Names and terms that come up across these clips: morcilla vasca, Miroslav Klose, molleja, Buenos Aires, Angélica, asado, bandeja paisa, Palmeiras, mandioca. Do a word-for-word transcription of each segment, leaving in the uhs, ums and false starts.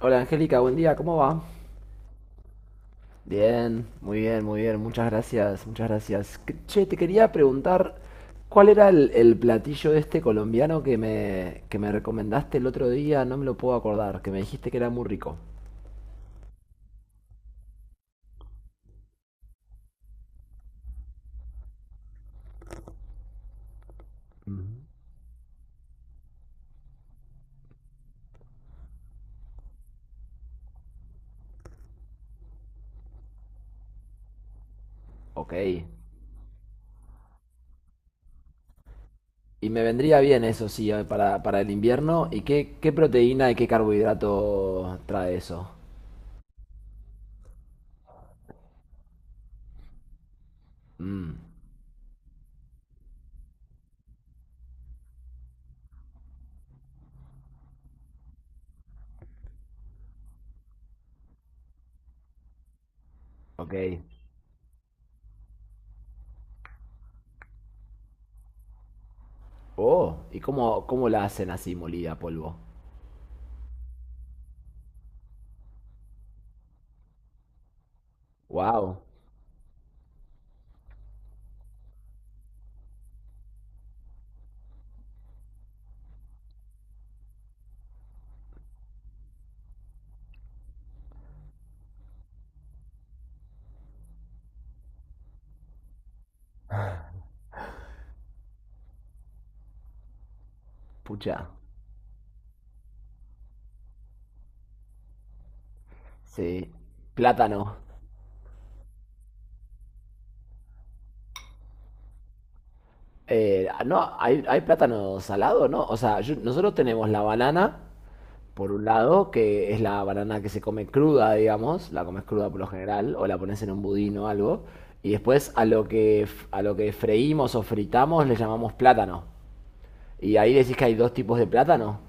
Hola Angélica, buen día, ¿cómo va? Bien, muy bien, muy bien, muchas gracias, muchas gracias. Que- Che, te quería preguntar, ¿cuál era el, el platillo este colombiano que me, que me recomendaste el otro día? No me lo puedo acordar, que me dijiste que era muy rico. Ok. Y me vendría bien eso, sí, eh, para, para el invierno. ¿Y qué, qué proteína y qué carbohidrato trae eso? Mmm, ok. Oh, ¿y cómo, cómo la hacen así molida a polvo? Wow, pucha. Sí. Plátano. Eh, no, hay, hay plátano salado, ¿no? O sea, yo- nosotros tenemos la banana, por un lado, que es la banana que se come cruda, digamos, la comes cruda por lo general, o la pones en un budín o algo, y después a lo que, f- a lo que freímos o fritamos le llamamos plátano. Y ahí decís que hay dos tipos de plátano.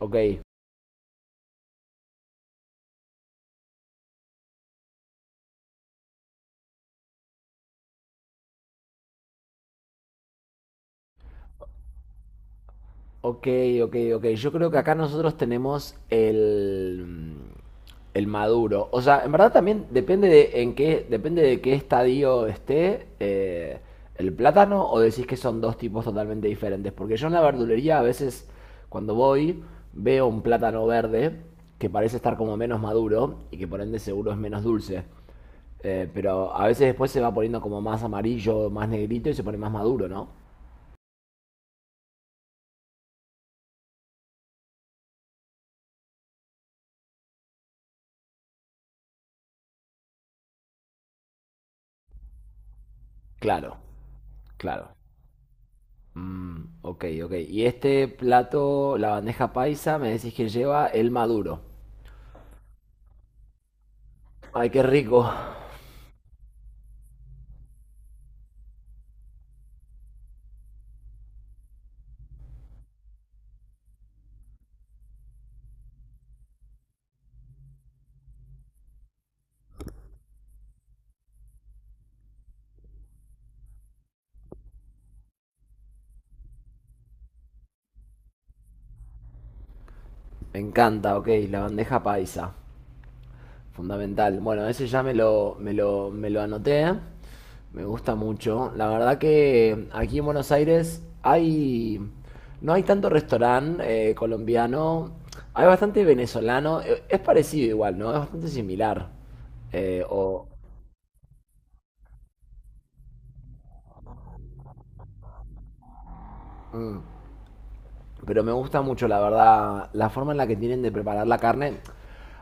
Ok, ok, ok, ok. Yo creo que acá nosotros tenemos el, el maduro. O sea, en verdad también depende de en qué, depende de qué estadio esté eh, el plátano, o decís que son dos tipos totalmente diferentes. Porque yo en la verdulería a veces cuando voy veo un plátano verde que parece estar como menos maduro y que por ende seguro es menos dulce. Eh, pero a veces después se va poniendo como más amarillo, más negrito y se pone más maduro, ¿no? Claro, claro. Mm, ok, ok. Y este plato, la bandeja paisa, me decís que lleva el maduro. Ay, qué rico. Me encanta, ok, la bandeja paisa. Fundamental. Bueno, ese ya me lo, me lo, me lo anoté. Me gusta mucho. La verdad que aquí en Buenos Aires hay... No hay tanto restaurante eh, colombiano. Hay bastante venezolano. Eh, Es parecido igual, ¿no? Es bastante similar. Eh, o... mm. Pero me gusta mucho, la verdad, la forma en la que tienen de preparar la carne.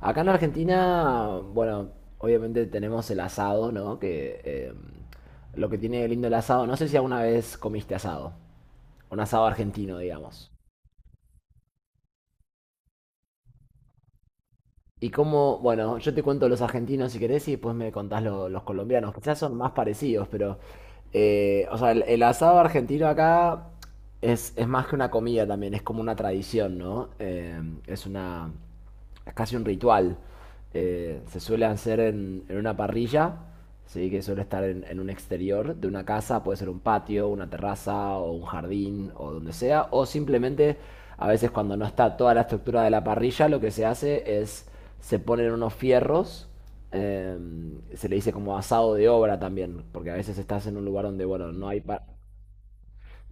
Acá en Argentina, bueno, obviamente tenemos el asado, ¿no? Que eh, Lo que tiene de lindo el asado, no sé si alguna vez comiste asado, un asado argentino, digamos. Y cómo, bueno, yo te cuento los argentinos si querés y después me contás lo- los colombianos. Quizás son más parecidos, pero, eh, o sea, el, el asado argentino acá es, es más que una comida también, es como una tradición, ¿no? Eh, es una, es casi un ritual eh, se suele hacer en, en una parrilla, ¿sí? Que suele estar en, en un exterior de una casa, puede ser un patio, una terraza o un jardín o donde sea, o simplemente a veces cuando no está toda la estructura de la parrilla, lo que se hace es se ponen unos fierros, eh, se le dice como asado de obra también, porque a veces estás en un lugar donde, bueno, no hay... pa-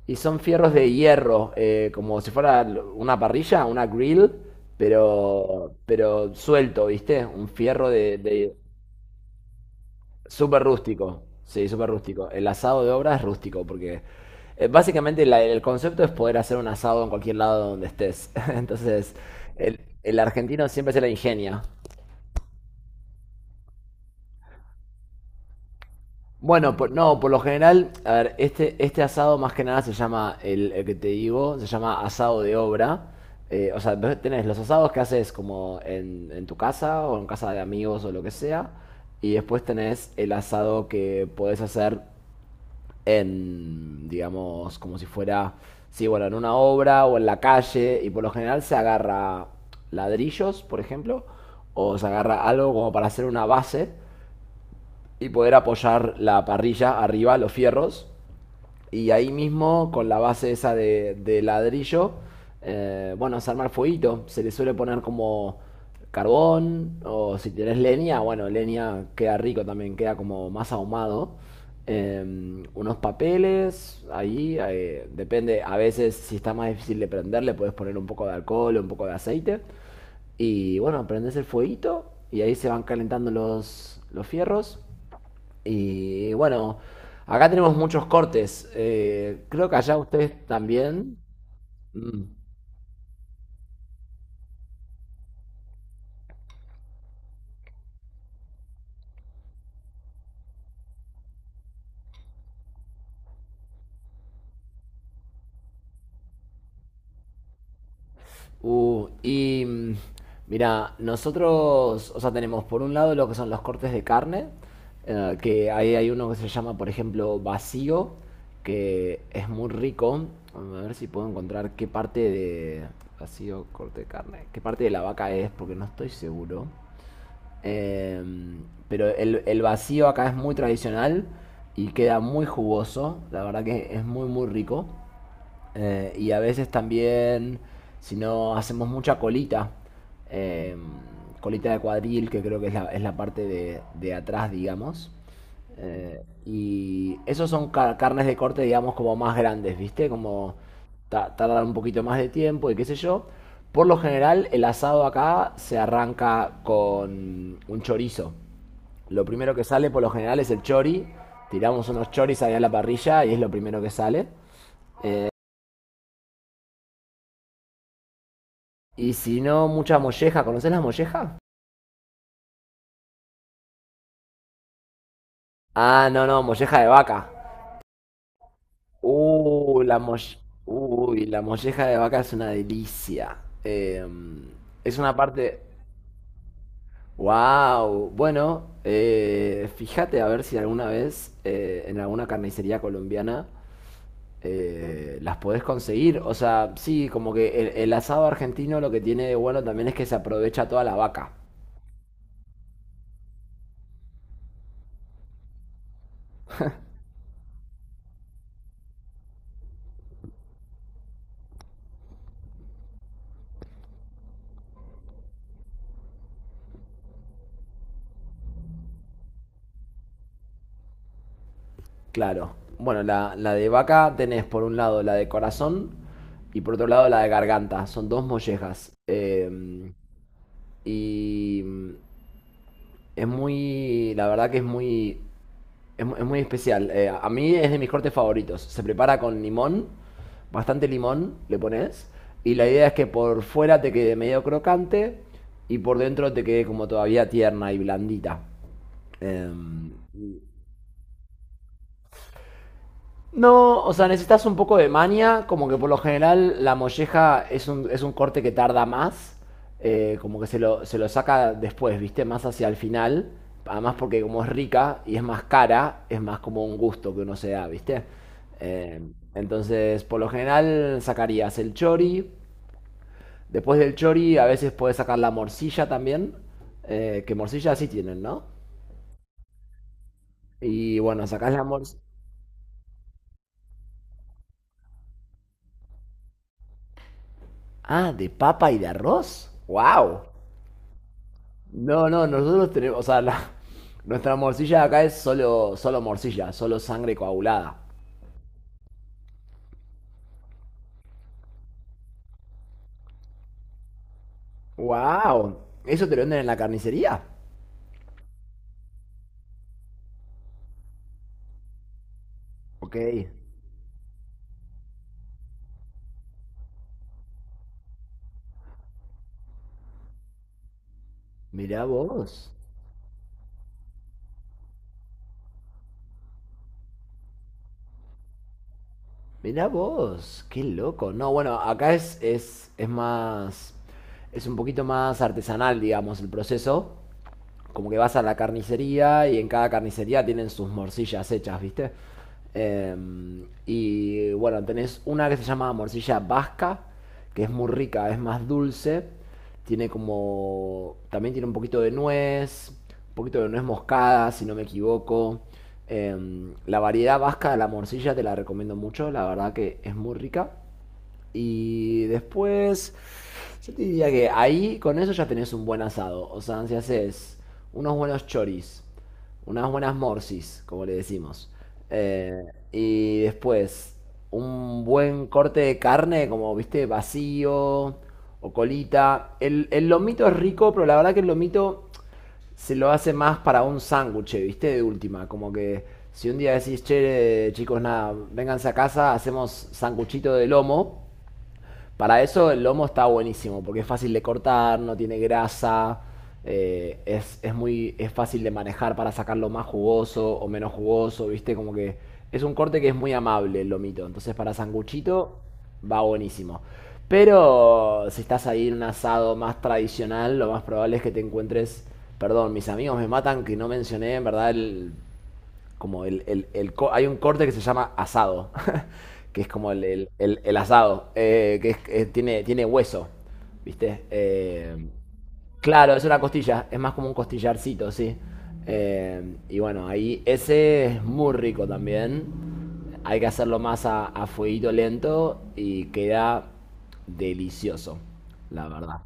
y son fierros de hierro, eh, como si fuera una parrilla, una grill, pero, pero suelto, ¿viste? Un fierro de, de- Súper rústico. Sí, súper rústico. El asado de obra es rústico, porque eh, básicamente la- el concepto es poder hacer un asado en cualquier lado donde estés. Entonces, el, el argentino siempre se la ingenia. Bueno, por- no, por lo general, a ver, este, este asado más que nada se llama, el, el que te digo, se llama asado de obra. Eh, o sea, vos tenés los asados que haces como en, en tu casa o en casa de amigos o lo que sea. Y después tenés el asado que podés hacer en, digamos, como si fuera, sí, bueno, en una obra o en la calle. Y por lo general se agarra ladrillos, por ejemplo, o se agarra algo como para hacer una base y poder apoyar la parrilla arriba, los fierros. Y ahí mismo, con la base esa de, de ladrillo, eh, bueno, se arma el fueguito. Se le suele poner como carbón o si tenés leña, bueno, leña queda rico también, queda como más ahumado. Eh, unos papeles, ahí eh, depende, a veces si está más difícil de prender, le puedes poner un poco de alcohol o un poco de aceite. Y bueno, prendes el fueguito y ahí se van calentando los, los fierros. Y bueno, acá tenemos muchos cortes. Eh, creo que allá ustedes también. Mm. Uh, y mm, Mira, nosotros, o sea, tenemos por un lado lo que son los cortes de carne, eh, que ahí hay uno que se llama, por ejemplo, vacío, que es muy rico. A ver si puedo encontrar qué parte de vacío, corte de carne, qué parte de la vaca es, porque no estoy seguro. Eh, pero el, el vacío acá es muy tradicional y queda muy jugoso. La verdad que es muy, muy rico. Eh, y a veces también, si no hacemos mucha colita, eh, colita de cuadril, que creo que es la, es la parte de, de atrás, digamos. Eh, y esos son car- carnes de corte, digamos, como más grandes, ¿viste? Como ta- tardan un poquito más de tiempo y qué sé yo. Por lo general, el asado acá se arranca con un chorizo. Lo primero que sale por lo general es el chori. Tiramos unos choris ahí a la parrilla y es lo primero que sale. Y si no, mucha molleja. ¿Conoces la molleja? Ah, no, no, molleja de vaca. Uh, la molle- Uy, la molleja de vaca es una delicia. Eh, es una parte... Wow. Bueno, eh, fíjate a ver si alguna vez eh, en alguna carnicería colombiana eh, las podés conseguir. O sea, sí, como que el, el asado argentino lo que tiene de bueno también es que se aprovecha toda la vaca. Claro. Bueno, la, la de vaca tenés por un lado la de corazón y por otro lado la de garganta. Son dos mollejas. Eh, y mm, es muy, la verdad que es muy, es, mu- es muy especial. Eh, a mí es de mis cortes favoritos. Se prepara con limón, bastante limón le pones. Y la idea es que por fuera te quede medio crocante y por dentro te quede como todavía tierna y blandita. Em, No, o sea, necesitas un poco de maña, como que por lo general la molleja es un, es un corte que tarda más, eh, como que se lo, se lo saca después, ¿viste? Más hacia el final, además porque como es rica y es más cara, es más como un gusto que uno se da, ¿viste? Eh, entonces, por lo general sacarías el chori, después del chori a veces puedes sacar la morcilla también, eh, que morcilla sí tienen, ¿no? Y bueno, sacás la morcilla... Ah, de papa y de arroz, wow. No, no, nosotros tenemos, o sea, la- nuestra morcilla de acá es solo, solo morcilla, solo sangre coagulada. ¡Wow! ¿Eso te lo venden en la carnicería? Ok. Mirá vos, mirá vos, qué loco. No, bueno, acá es, es, es más, es un poquito más artesanal, digamos, el proceso. Como que vas a la carnicería y en cada carnicería tienen sus morcillas hechas, ¿viste? Eh, y bueno, tenés una que se llama morcilla vasca, que es muy rica, es más dulce, tiene como, también tiene un poquito de nuez, un poquito de nuez moscada, si no me equivoco. Eh, la variedad vasca de la morcilla te la recomiendo mucho, la verdad que es muy rica. Y después, yo te diría que ahí con eso ya tenés un buen asado. O sea, si haces unos buenos choris, unas buenas morsis, como le decimos. eh, y después un buen corte de carne, como viste, vacío o colita. El, el lomito es rico, pero la verdad que el lomito se lo hace más para un sándwich, ¿viste? De última, como que si un día decís, che, chicos, nada, vénganse a casa, hacemos sanguchito de lomo, para eso el lomo está buenísimo, porque es fácil de cortar, no tiene grasa, eh, es, es muy, es fácil de manejar para sacarlo más jugoso o menos jugoso, ¿viste? Como que es un corte que es muy amable el lomito. Entonces para sanguchito va buenísimo. Pero si estás ahí en un asado más tradicional, lo más probable es que te encuentres... Perdón, mis amigos me matan que no mencioné en verdad el como el, el, el hay un corte que se llama asado, que es como el, el- el- el asado, eh, que es- eh, tiene, tiene hueso, ¿viste? Eh, claro, es una costilla, es más como un costillarcito, sí. Eh, y bueno, ahí ese es muy rico también. Hay que hacerlo más a, a fueguito lento y queda delicioso, la verdad.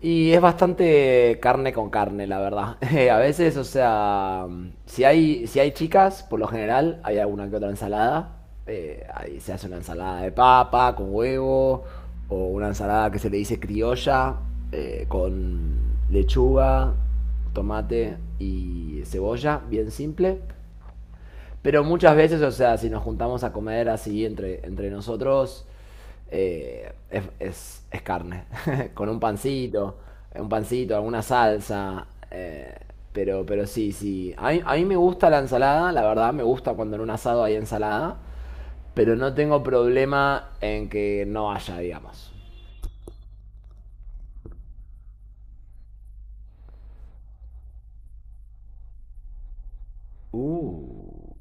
Y es bastante carne con carne, la verdad. Eh, a veces, o sea, si hay, si hay chicas, por lo general hay alguna que otra ensalada. Eh, ahí se hace una ensalada de papa con huevo, o una ensalada que se le dice criolla, eh, con lechuga, tomate y cebolla, bien simple. Pero muchas veces, o sea, si nos juntamos a comer así entre, entre nosotros, eh, es, es- es carne. Con un pancito, un pancito, alguna salsa. eh, pero, pero sí, sí. A mí, a mí me gusta la ensalada, la verdad, me gusta cuando en un asado hay ensalada. Pero no tengo problema en que no haya, digamos. Uh.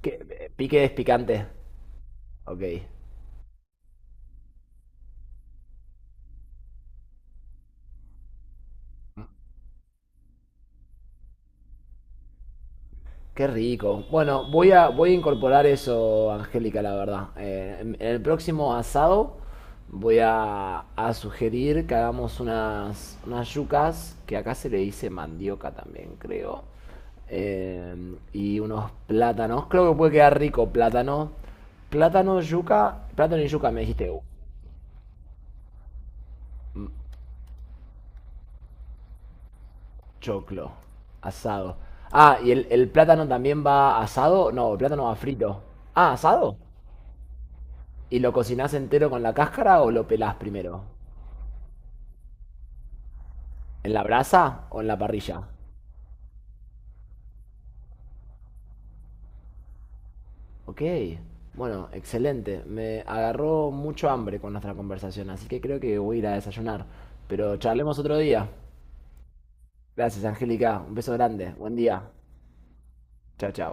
¿Qué? ¿Pique es picante? Ok. Qué rico. Bueno, voy a, voy a incorporar eso, Angélica, la verdad. Eh, en, en el próximo asado voy a, a sugerir que hagamos unas, unas yucas, que acá se le dice mandioca también, creo. Eh, y unos plátanos. Creo que puede quedar rico plátano. Plátano, yuca. Plátano y yuca me dijiste. uh, Choclo. Asado. Ah, ¿y el, el plátano también va asado? No, el plátano va frito. Ah, asado. ¿Y lo cocinás entero con la cáscara o lo pelás primero? ¿En la brasa o en la parrilla? Ok, bueno, excelente. Me agarró mucho hambre con nuestra conversación, así que creo que voy a ir a desayunar. Pero charlemos otro día. Gracias, Angélica. Un beso grande. Buen día. Chao, chao.